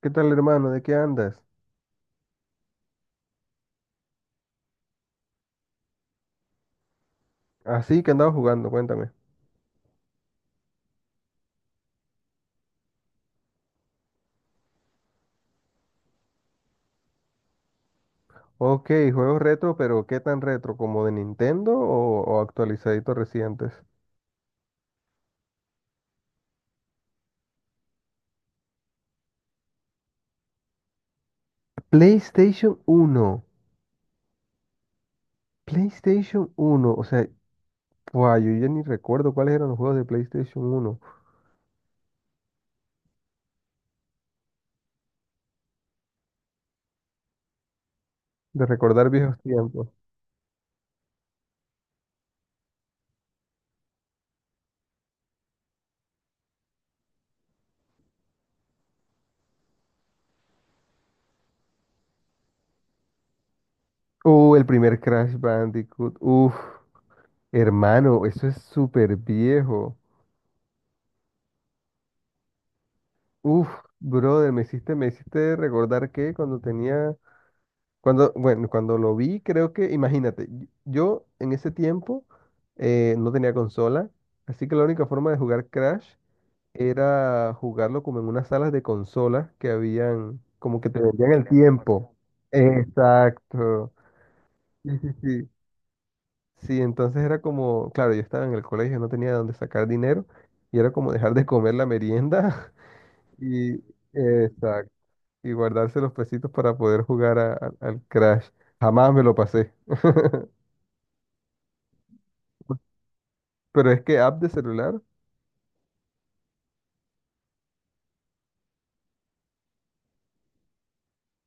¿Qué tal, hermano? ¿De qué andas? Así que andaba jugando, cuéntame. Ok, juegos retro, pero ¿qué tan retro? ¿Como de Nintendo o actualizaditos recientes? PlayStation uno. PlayStation uno. O sea, guau, yo ya ni recuerdo cuáles eran los juegos de PlayStation uno. De recordar viejos tiempos. El primer Crash Bandicoot. Uf, hermano, eso es súper viejo. Uf, brother, me hiciste recordar que cuando tenía, cuando, bueno, cuando lo vi, creo que, imagínate, yo en ese tiempo no tenía consola, así que la única forma de jugar Crash era jugarlo como en unas salas de consolas que habían, como que te vendían el tiempo. Exacto. Sí, sí, sí. Sí, entonces era como, claro, yo estaba en el colegio, no tenía de dónde sacar dinero, y era como dejar de comer la merienda y... Exacto, y guardarse los pesitos para poder jugar al Crash. Jamás me lo pasé. Pero es que app de celular.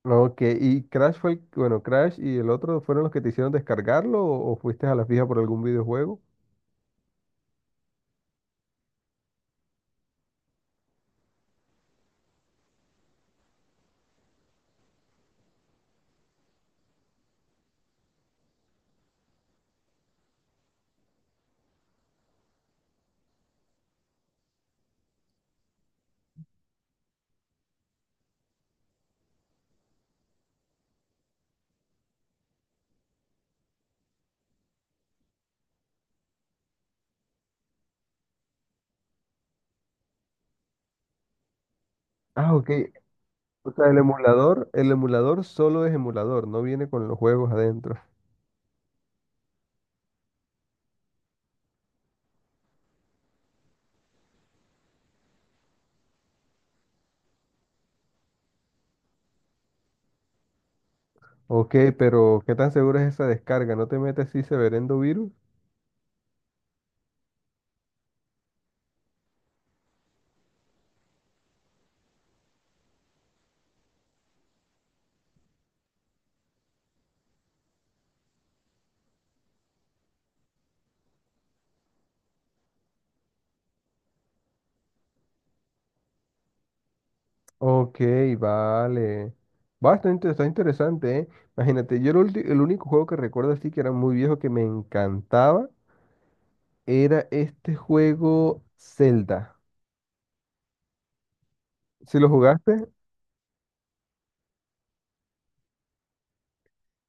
Ok, y Crash fue el, bueno, Crash y el otro fueron los que te hicieron descargarlo o fuiste a la fija por algún videojuego. Ah, ok. O sea, el emulador solo es emulador, no viene con los juegos adentro. Ok, pero ¿qué tan segura es esa descarga? ¿No te metes así severendo virus? Ok, vale. Bastante, está está interesante, ¿eh? Imagínate, yo el único juego que recuerdo así que era muy viejo que me encantaba era este juego Zelda. ¿Si lo jugaste?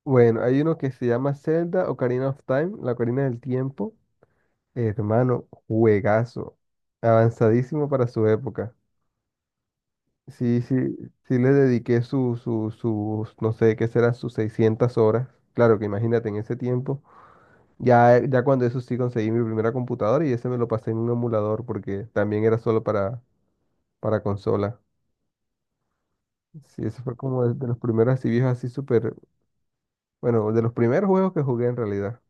Bueno, hay uno que se llama Zelda Ocarina of Time, la Ocarina del Tiempo. Hermano, juegazo. Avanzadísimo para su época. Sí, sí, sí, le dediqué no sé qué serán, sus 600 horas. Claro que imagínate, en ese tiempo. Ya, ya cuando eso sí conseguí mi primera computadora y ese me lo pasé en un emulador porque también era solo para consola. Sí, ese fue como de los primeros así viejos, así súper, bueno, de los primeros juegos que jugué en realidad.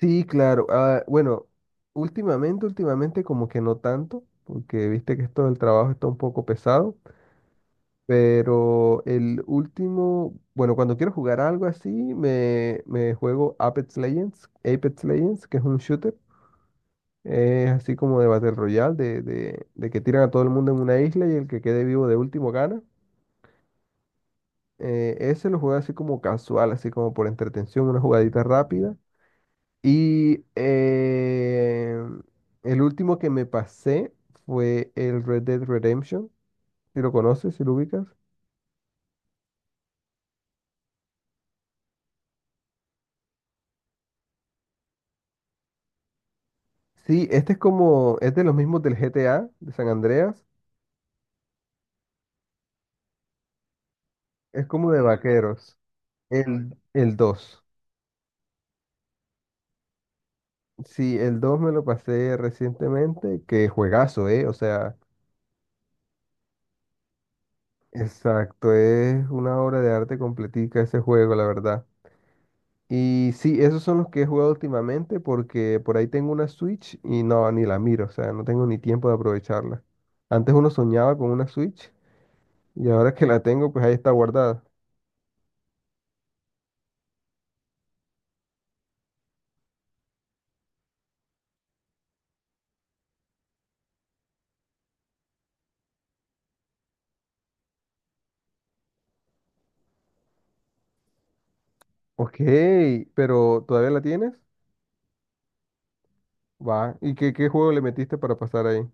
Sí, claro. Ah, bueno, últimamente, últimamente como que no tanto, porque viste que esto del trabajo está un poco pesado, pero el último, bueno, cuando quiero jugar algo así, me juego Apex Legends, Apex Legends, que es un shooter. Es así como de Battle Royale, de que tiran a todo el mundo en una isla y el que quede vivo de último gana. Ese lo juega así como casual, así como por entretención, una jugadita rápida. Y el último que me pasé fue el Red Dead Redemption, si lo conoces, si lo ubicas. Sí, este es como, es de los mismos del GTA, de San Andreas. Es como de vaqueros. El dos. Sí, el 2 me lo pasé recientemente, que juegazo, ¿eh? O sea. Exacto, es una obra de arte completica ese juego, la verdad. Y sí, esos son los que he jugado últimamente porque por ahí tengo una Switch y no, ni la miro, o sea, no tengo ni tiempo de aprovecharla. Antes uno soñaba con una Switch y ahora que la tengo, pues ahí está guardada. Ok, pero ¿todavía la tienes? Va. ¿Y qué juego le metiste para pasar ahí?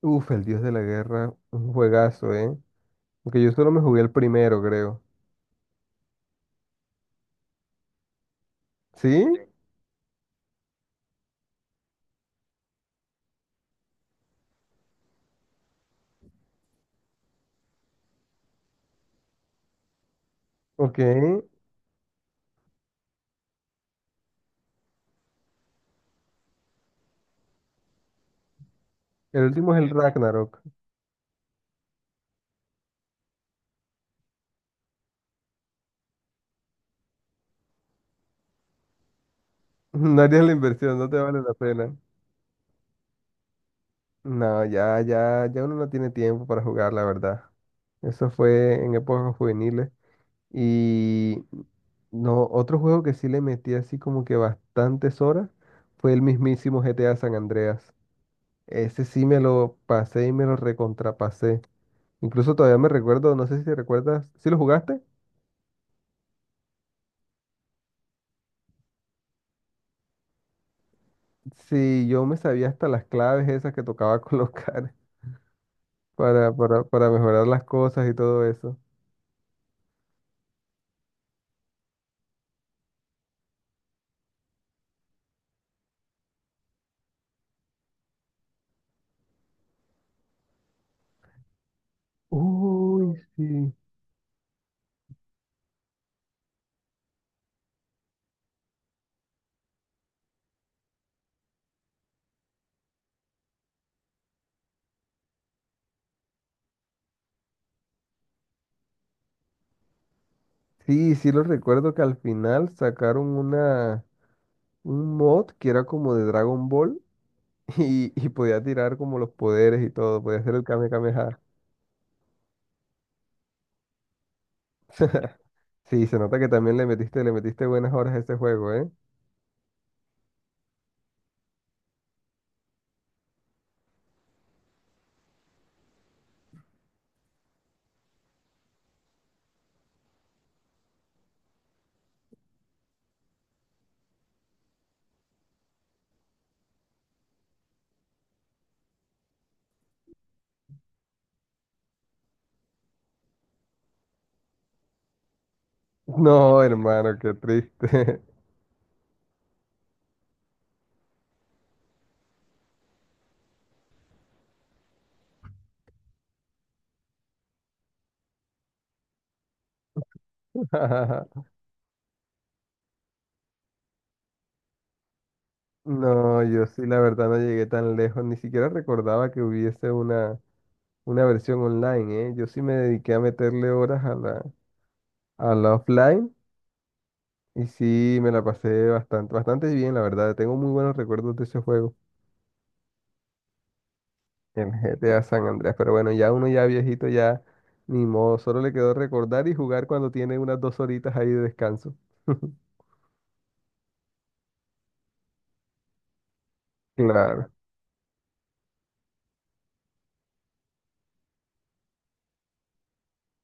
Uf, El Dios de la Guerra, un juegazo, ¿eh? Porque yo solo me jugué el primero, creo. ¿Sí? Ok. El último es el Ragnarok. No harías la inversión, no te vale la pena. No, ya, ya, ya uno no tiene tiempo para jugar, la verdad. Eso fue en épocas juveniles. Y no, otro juego que sí le metí así como que bastantes horas fue el mismísimo GTA San Andreas. Ese sí me lo pasé y me lo recontrapasé. Incluso todavía me recuerdo, no sé si te recuerdas, ¿si lo jugaste? Sí, yo me sabía hasta las claves esas que tocaba colocar para mejorar las cosas y todo eso. Uy, sí. Sí, sí lo recuerdo que al final sacaron un mod que era como de Dragon Ball y podía tirar como los poderes y todo, podía hacer el Kame Kameha. Sí, se nota que también le metiste buenas horas a ese juego, ¿eh? No, hermano, qué triste. No, yo sí, la verdad no llegué tan lejos, ni siquiera recordaba que hubiese una versión online, ¿eh? Yo sí me dediqué a meterle horas a la offline. Y sí, me la pasé bastante, bastante bien, la verdad. Tengo muy buenos recuerdos de ese juego, el GTA San Andreas. Pero bueno, ya uno ya viejito, ya ni modo, solo le quedó recordar y jugar cuando tiene unas 2 horitas ahí de descanso. Claro,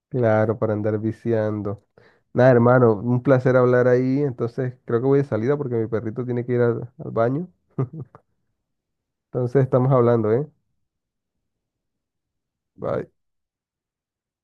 claro, para andar viciando. Nada, hermano, un placer hablar ahí. Entonces, creo que voy de salida porque mi perrito tiene que ir al baño. Entonces, estamos hablando, ¿eh? Bye.